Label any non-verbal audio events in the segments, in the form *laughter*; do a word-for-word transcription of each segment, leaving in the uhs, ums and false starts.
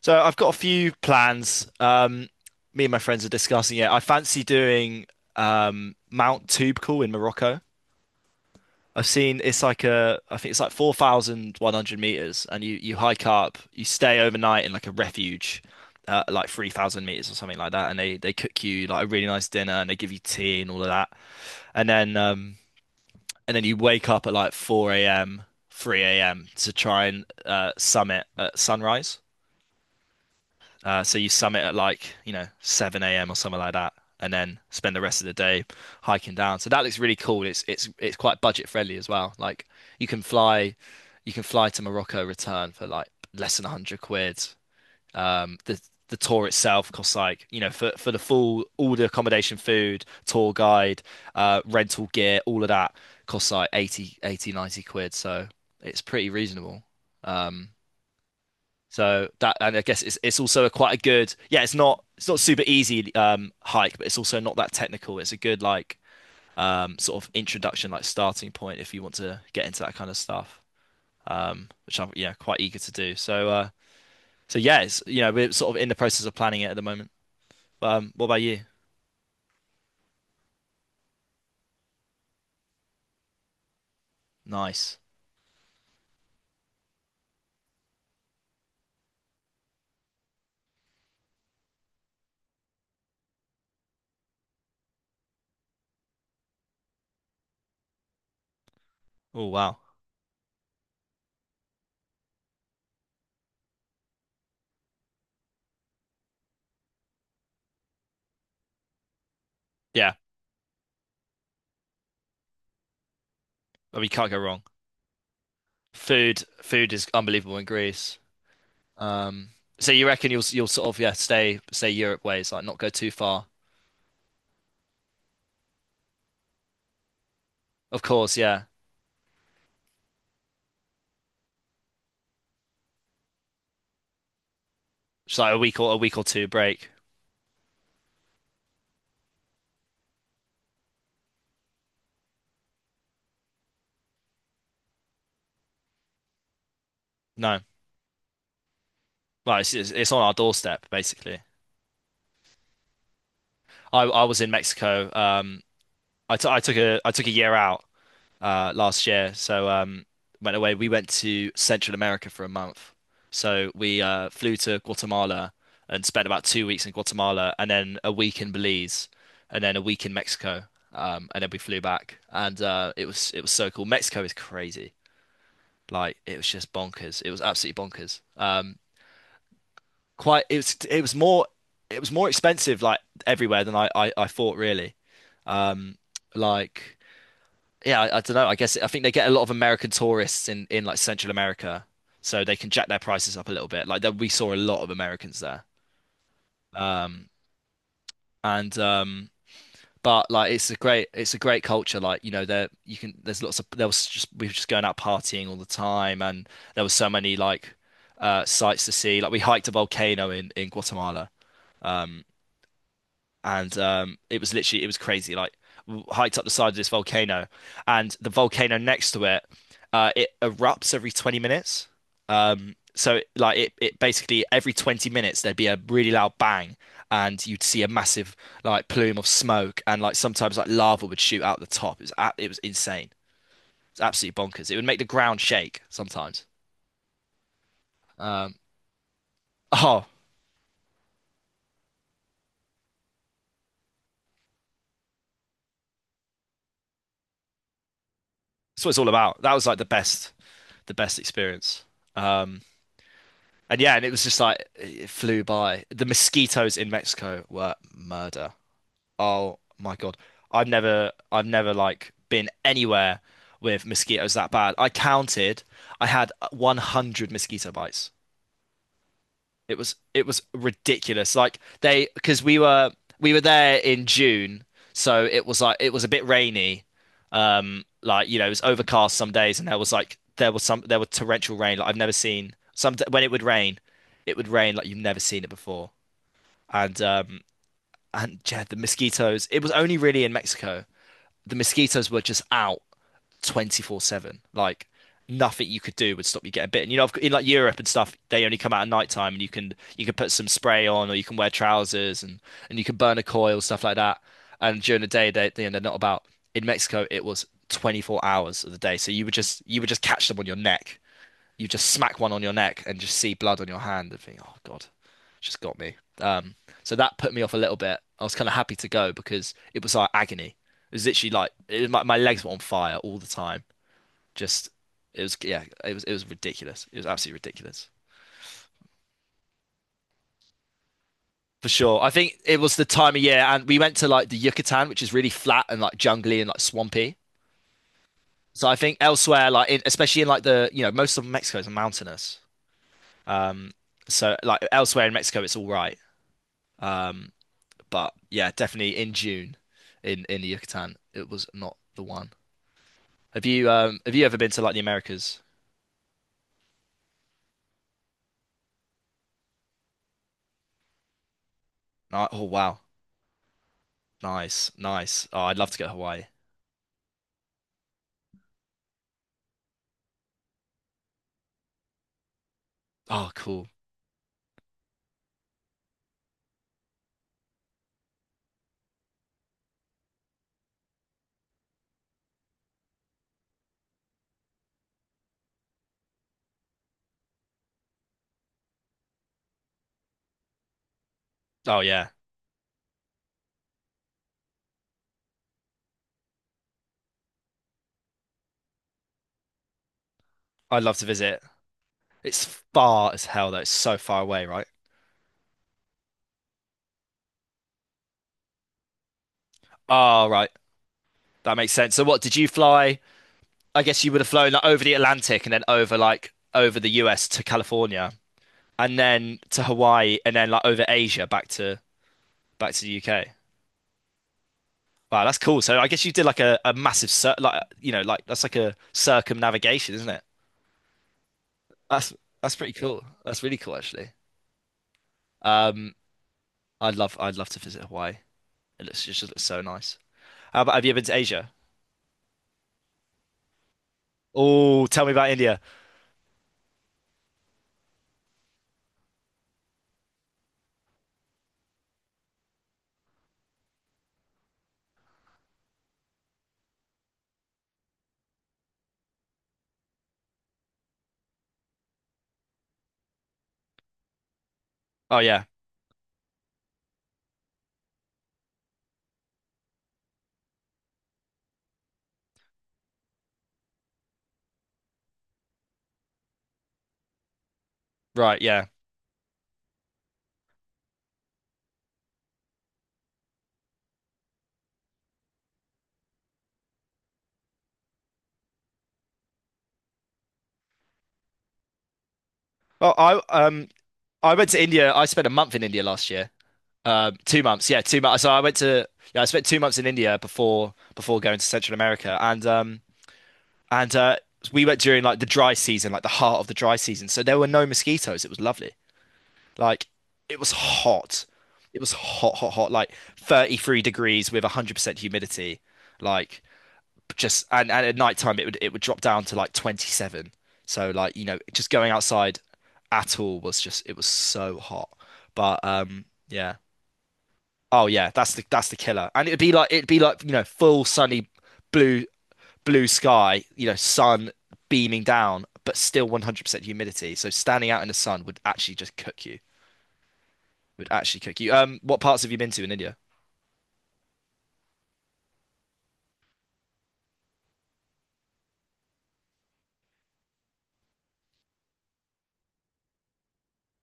So I've got a few plans. Um, me and my friends are discussing it. I fancy doing um, Mount Toubkal in Morocco. I've seen it's like a, I think it's like four thousand one hundred meters, and you you hike up, you stay overnight in like a refuge, uh, like three thousand meters or something like that, and they they cook you like a really nice dinner, and they give you tea and all of that, and then um, and then you wake up at like four a m, three a m to try and uh, summit at sunrise. Uh, so you summit at like, you know, seven a m or something like that, and then spend the rest of the day hiking down. So that looks really cool. It's it's it's quite budget friendly as well. Like you can fly, you can fly to Morocco, return for like less than a hundred quid. Um, the the tour itself costs like, you know, for for the full all the accommodation, food, tour guide, uh, rental gear, all of that costs like eighty, eighty, ninety quid. So it's pretty reasonable. Um, so that, and I guess it's it's also a quite a good, yeah, it's not it's not super easy um hike, but it's also not that technical. It's a good like um sort of introduction, like starting point if you want to get into that kind of stuff. Um, which I'm, yeah, quite eager to do. So uh, so yeah, it's you know we're sort of in the process of planning it at the moment. Um, what about you? Nice. Oh wow. Yeah, I mean, can't go wrong. Food food is unbelievable in Greece. Um, so you reckon you'll you'll sort of, yeah, stay stay Europe ways, like, not go too far. Of course, yeah. Just like a week or a week or two break. No, like it's, it's it's on our doorstep basically. I I was in Mexico. Um, I t I took a I took a year out uh last year, so um went away. We went to Central America for a month. So we uh flew to Guatemala and spent about two weeks in Guatemala, and then a week in Belize, and then a week in Mexico. Um, and then we flew back, and uh it was it was so cool. Mexico is crazy. Like, it was just bonkers. It was absolutely bonkers. Um, quite it was it was more it was more expensive like everywhere than I I, I thought, really. Um, like, yeah, I, I don't know. I guess I think they get a lot of American tourists in in like Central America, so they can jack their prices up a little bit. Like that, we saw a lot of Americans there. Um, and um, but like, it's a great it's a great culture. Like, you know there you can there's lots of there was just we were just going out partying all the time, and there was so many like uh sights to see. Like we hiked a volcano in in Guatemala. Um, and um, It was literally, it was crazy. Like, w- hiked up the side of this volcano, and the volcano next to it, uh, it erupts every twenty minutes. Um, so like it it basically every twenty minutes there'd be a really loud bang, and you'd see a massive, like, plume of smoke, and like sometimes like lava would shoot out the top. It was a- it was insane. It's absolutely bonkers. It would make the ground shake sometimes. Um, *laughs* oh, that's what it's all about. That was like the best, the best experience. Um, And, yeah, and it was just like it flew by. The mosquitoes in Mexico were murder. Oh my God. I've never I've never like been anywhere with mosquitoes that bad. I counted, I had one hundred mosquito bites. It was it was ridiculous. Like, they because we were we were there in June, so it was like it was a bit rainy. Um, like, you know, it was overcast some days, and there was like there was some there was torrential rain. Like, I've never seen some when it would rain, it would rain like you've never seen it before. And um and, yeah, the mosquitoes. It was only really in Mexico. The mosquitoes were just out. twenty four seven. Like, nothing you could do would stop you getting bitten. You know, in like Europe and stuff, they only come out at night time, and you can you can put some spray on, or you can wear trousers, and and you can burn a coil, stuff like that. And during the day, they they- they're not about. In Mexico, it was twenty four hours of the day. So you would just you would just catch them on your neck. You just smack one on your neck and just see blood on your hand and think, "Oh God, just got me." Um, so that put me off a little bit. I was kind of happy to go because it was like agony. It was literally, like, it was, my, my legs were on fire all the time. Just, it was yeah, it was it was ridiculous. It was absolutely ridiculous. For sure. I think it was the time of year and we went to like the Yucatan, which is really flat and like jungly and like swampy. So I think elsewhere, like in, especially in like the you know, most of Mexico is mountainous. Um so like elsewhere in Mexico it's all right. Um but yeah, definitely in June, in in the Yucatan, it was not the one. Have you um have you ever been to like the Americas? Ni- Oh wow. Nice, nice. Oh, I'd love to go to Hawaii. Oh, cool. Oh yeah. I'd love to visit. It's far as hell though. It's so far away, right? Ah, right. That makes sense. So what did you fly? I guess you would have flown like over the Atlantic, and then over like over the U S to California, and then to Hawaii, and then like over Asia, back to back to the U K. Wow, that's cool. So I guess you did like a, a massive cir like, you know like, that's like a circumnavigation, isn't it? That's that's pretty cool. That's really cool, actually. Um, I'd love I'd love to visit Hawaii. It looks it just looks so nice. How about Have you ever been to Asia? Oh, tell me about India. Oh yeah, right, yeah. Well, I um I went to India. I spent a month in India last year. Um, two months, yeah, two months. So I went to yeah, I spent two months in India before before going to Central America, and um and uh we went during like the dry season, like the heart of the dry season. So there were no mosquitoes. It was lovely. Like it was hot. It was hot, hot, hot. Like, thirty three degrees with a hundred percent humidity. Like, just, and, and at night time it would it would drop down to like twenty seven, so like, you know just going outside at all was just it was so hot. But um yeah. Oh yeah, that's the that's the killer. And it'd be like it'd be like you know full sunny, blue blue sky, you know sun beaming down, but still one hundred percent humidity, so standing out in the sun would actually just cook you. Would actually cook you. Um what parts have you been to in India?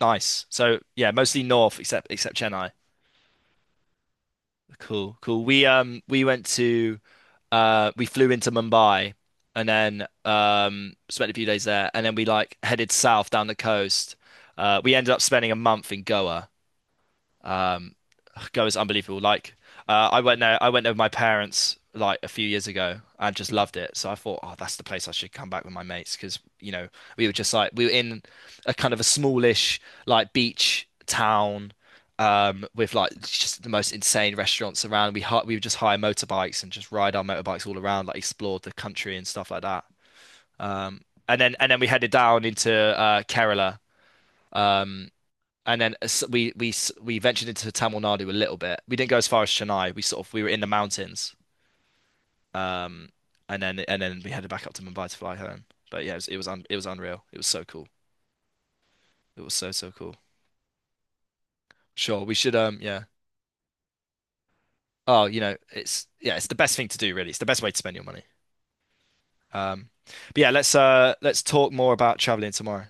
Nice. So yeah, mostly north, except except Chennai. Cool, cool. We um we went to uh we flew into Mumbai, and then um spent a few days there, and then we, like, headed south down the coast. Uh we ended up spending a month in Goa. Um, *sighs* Go is unbelievable. Like, uh, I went there, I went there with my parents like a few years ago and just loved it. So I thought, oh, that's the place I should come back with my mates, because you know we were just like we were in a kind of a smallish, like, beach town, um, with like just the most insane restaurants around. We hi- we would just hire motorbikes and just ride our motorbikes all around, like, explored the country and stuff like that. Um, and then and then we headed down into uh, Kerala. Um, and then as- we we s- we ventured into Tamil Nadu a little bit. We didn't go as far as Chennai. We sort of we were in the mountains, um, and then and then we headed back up to Mumbai to fly home. But yeah, it was it was, un, it was unreal. It was so cool. It was so, so cool. Sure, we should, um yeah. Oh, you know, it's yeah, it's the best thing to do, really. It's the best way to spend your money. Um, but yeah, let's uh let's talk more about traveling tomorrow.